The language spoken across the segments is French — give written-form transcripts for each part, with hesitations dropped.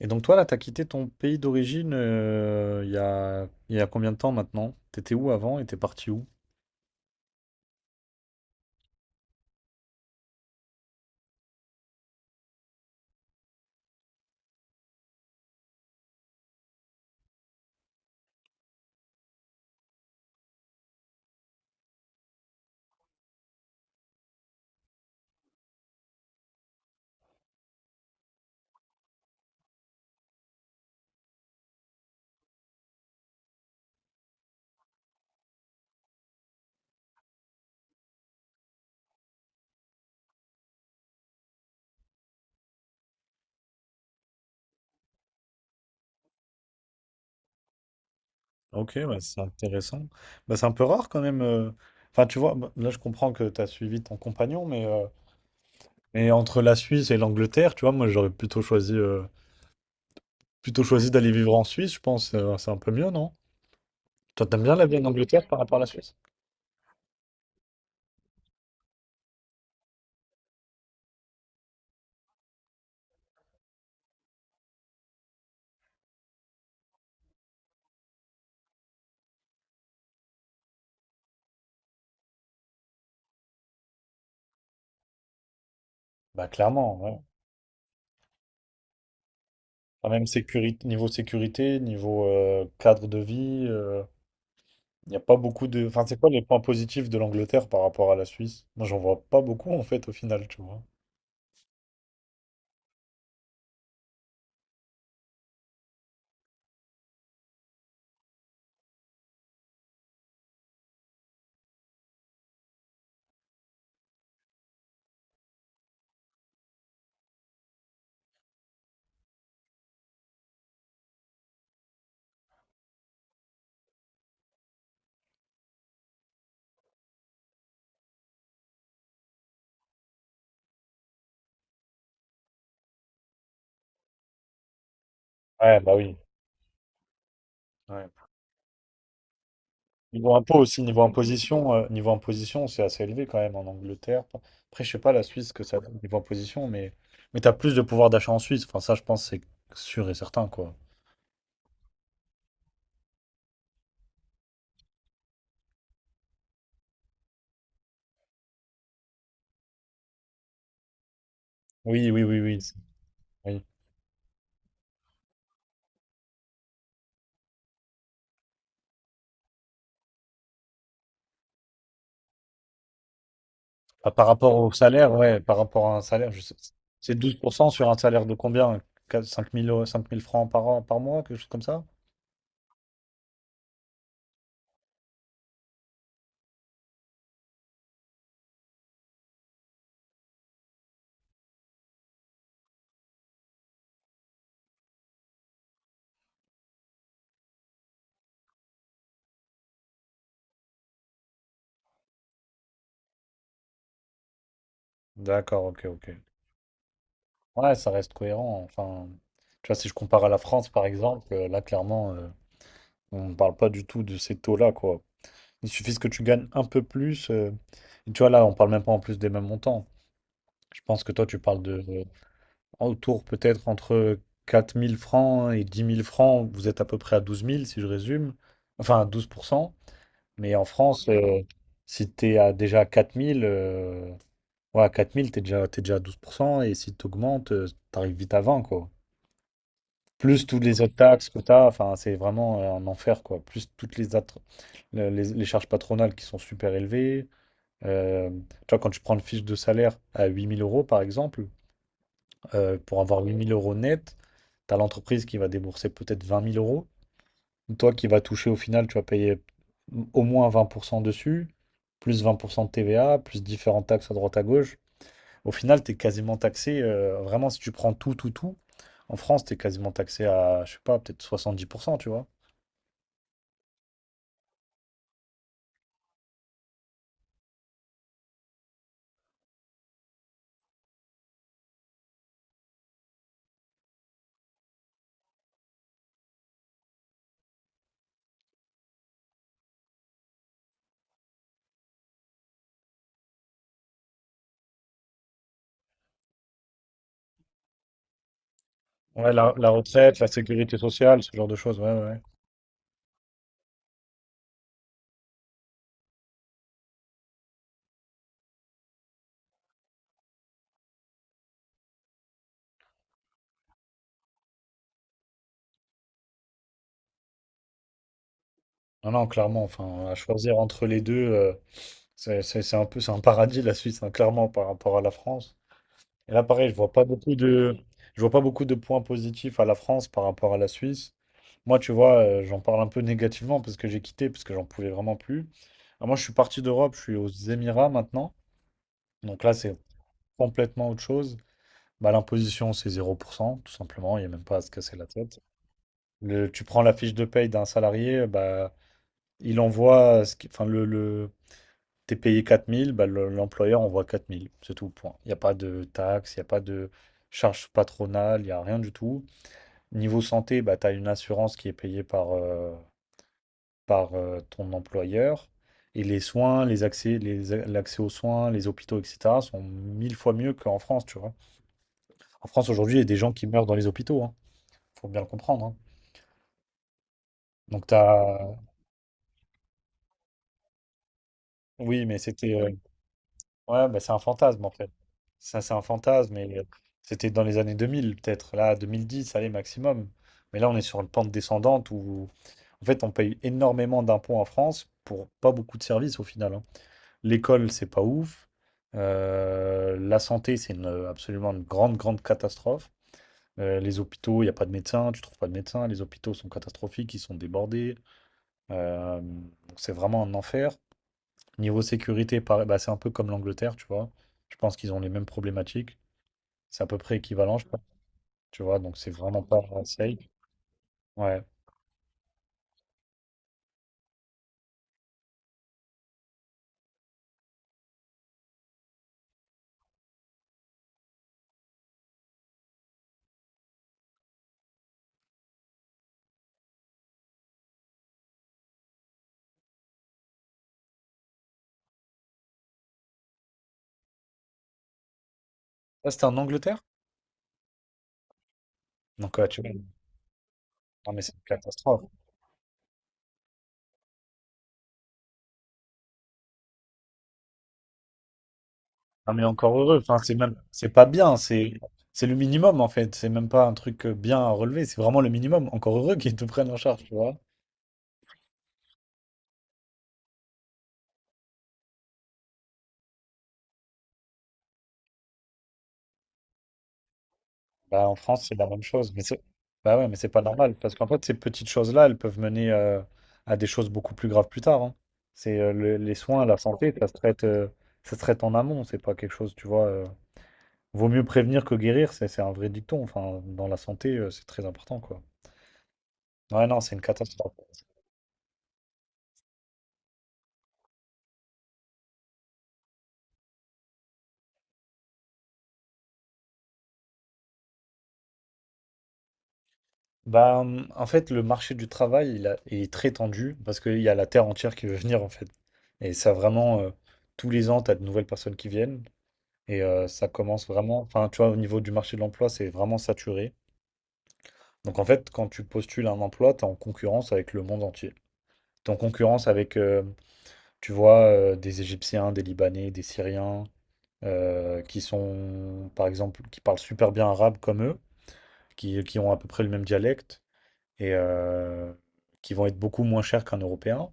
Et donc toi, là, t'as quitté ton pays d'origine il y a combien de temps maintenant? T'étais où avant et t'es parti où? Ok, bah, c'est intéressant. Bah, c'est un peu rare quand même. Enfin, tu vois, bah, là, je comprends que t'as suivi ton compagnon, mais entre la Suisse et l'Angleterre, tu vois, moi, j'aurais plutôt choisi d'aller vivre en Suisse, je pense. C'est un peu mieux, non? Toi, t'aimes bien la vie en Angleterre par rapport à la Suisse? Bah clairement, ouais. Enfin, même sécurité, niveau cadre de vie, il n'y a pas beaucoup de. Enfin, c'est quoi les points positifs de l'Angleterre par rapport à la Suisse? Moi, j'en vois pas beaucoup en fait au final, tu vois. Ouais, bah oui. Ouais. Niveau impôt aussi, niveau imposition, c'est assez élevé quand même en Angleterre. Après, je sais pas la Suisse ce que ça donne niveau imposition, mais t'as plus de pouvoir d'achat en Suisse. Enfin, ça, je pense, c'est sûr et certain, quoi. Oui, oui, oui, oui. Oui. Ah, par rapport au salaire, ouais, par rapport à un salaire, c'est 12% sur un salaire de combien? 5 000 francs par an, par mois, quelque chose comme ça? D'accord, ok, ok. Ouais, ça reste cohérent. Enfin, tu vois, si je compare à la France, par exemple, là, clairement, on ne parle pas du tout de ces taux-là, quoi. Il suffit que tu gagnes un peu plus. Et tu vois, là, on parle même pas en plus des mêmes montants. Je pense que toi, tu parles de autour peut-être entre 4 000 francs et 10 000 francs. Vous êtes à peu près à 12 000, si je résume. Enfin, à 12%. Mais en France, si tu es à, déjà à 4 000, ouais, à 4 000, t'es déjà à 12%. Et si tu augmentes, tu arrives vite à 20, quoi. Plus toutes les autres taxes que tu as, enfin, c'est vraiment un enfer, quoi. Plus toutes les, autres- le- les charges patronales qui sont super élevées. Euh, Tu vois, quand tu prends le fiche de salaire à 8000 euros, par exemple, pour avoir 8 000 € net, tu as l'entreprise qui va débourser peut-être 20 000 euros. Toi qui vas toucher au final, tu vas payer au moins 20% dessus, plus 20% de TVA, plus différentes taxes à droite à gauche. Au final, tu es quasiment taxé, vraiment, si tu prends tout, tout, tout, en France, tu es quasiment taxé à, je sais pas, peut-être 70%, tu vois. Ouais, la retraite, la sécurité sociale, ce genre de choses, ouais, ouais. Ouais. Non, non, clairement, enfin, à choisir entre les deux. C'est un paradis la Suisse, hein, clairement, par rapport à la France. Et là, pareil, je vois pas beaucoup de, je vois pas beaucoup de points positifs à la France par rapport à la Suisse. Moi, tu vois, j'en parle un peu négativement parce que j'ai quitté, parce que j'en pouvais vraiment plus. Alors moi, je suis parti d'Europe, je suis aux Émirats maintenant. Donc là, c'est complètement autre chose. Bah, l'imposition, c'est 0% tout simplement. Il n'y a même pas à se casser la tête. Tu prends la fiche de paye d'un salarié, bah, il envoie, ce qui- enfin, le- T'es payé 4 000, bah, l'employeur envoie 4 000, c'est tout, point. Il n'y a pas de taxes, il n'y a pas de charges patronales, il n'y a rien du tout. Niveau santé, bah, tu as une assurance qui est payée par ton employeur. Et les soins, les accès, l'accès aux soins, les hôpitaux, etc., sont mille fois mieux qu'en France, tu vois. En France, aujourd'hui, il y a des gens qui meurent dans les hôpitaux, hein. Faut bien le comprendre, hein. Donc, t'as. Oui, mais c'était. Ouais, bah, c'est un fantasme en fait. Ça, c'est un fantasme. Et c'était dans les années 2000 peut-être. Là, 2010, allez, maximum. Mais là, on est sur une pente descendante où, en fait, on paye énormément d'impôts en France pour pas beaucoup de services au final. Hein. L'école, c'est pas ouf. La santé, c'est absolument une grande, grande catastrophe. Les hôpitaux, il n'y a pas de médecin, tu trouves pas de médecin. Les hôpitaux sont catastrophiques, ils sont débordés. Donc, c'est vraiment un enfer. Niveau sécurité, pareil, bah, c'est un peu comme l'Angleterre, tu vois. Je pense qu'ils ont les mêmes problématiques. C'est à peu près équivalent, je pense. Tu vois, donc c'est vraiment pas safe. Ouais. Ça, c'était en Angleterre? Donc, ouais, tu vois. Non, mais c'est une catastrophe. Non, mais encore heureux. Enfin, c'est même, c'est pas bien. C'est le minimum, en fait. C'est même pas un truc bien à relever. C'est vraiment le minimum. Encore heureux qu'ils te prennent en charge, tu vois. Bah, en France, c'est la même chose. Mais c'est bah ouais, mais c'est pas normal. Parce qu'en fait, ces petites choses-là, elles peuvent mener à des choses beaucoup plus graves plus tard. Hein. Les soins, la santé, ça se traite en amont. C'est pas quelque chose, tu vois. Vaut mieux prévenir que guérir, c'est un vrai dicton. Enfin, dans la santé, c'est très important, quoi. Ouais, non, c'est une catastrophe. Bah, en fait, le marché du travail, il est très tendu parce qu'il y a la terre entière qui veut venir, en fait. Et ça, vraiment, tous les ans, tu as de nouvelles personnes qui viennent. Et ça commence vraiment, enfin, tu vois, au niveau du marché de l'emploi, c'est vraiment saturé. Donc en fait, quand tu postules un emploi, tu es en concurrence avec le monde entier. Tu es en concurrence avec, tu vois, des Égyptiens, des Libanais, des Syriens, qui sont, par exemple, qui parlent super bien arabe comme eux, qui ont à peu près le même dialecte et qui vont être beaucoup moins chers qu'un Européen.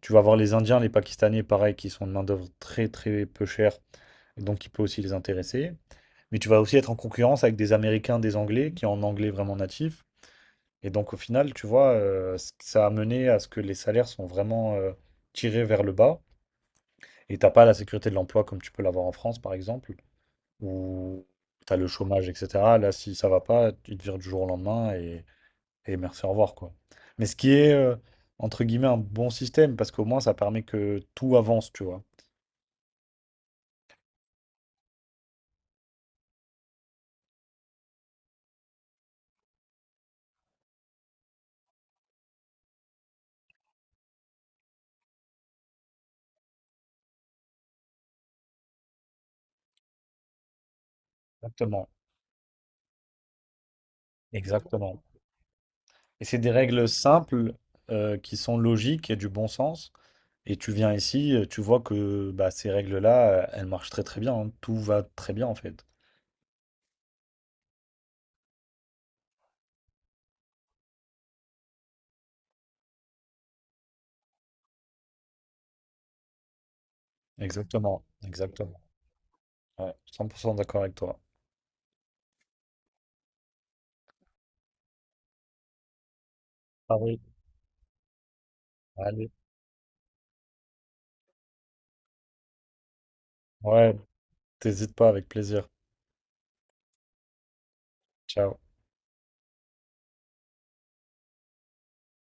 Tu vas avoir les Indiens, les Pakistanais, pareil, qui sont de main-d'œuvre très très peu chère donc qui peut aussi les intéresser. Mais tu vas aussi être en concurrence avec des Américains, des Anglais, qui ont un anglais vraiment natif. Et donc au final, tu vois, ça a mené à ce que les salaires sont vraiment tirés vers le bas. Et t'as pas la sécurité de l'emploi comme tu peux l'avoir en France, par exemple, où tu as le chômage, etc. Là, si ça va pas, tu te vires du jour au lendemain et merci, au revoir, quoi. Mais ce qui est, entre guillemets, un bon système, parce qu'au moins, ça permet que tout avance, tu vois. Exactement. Exactement. Et c'est des règles simples qui sont logiques et du bon sens. Et tu viens ici, tu vois que bah, ces règles-là, elles marchent très très bien. Hein. Tout va très bien en fait. Exactement, exactement. Ouais, 100% d'accord avec toi. Ah oui. Allez. Ouais, t'hésites pas avec plaisir. Ciao.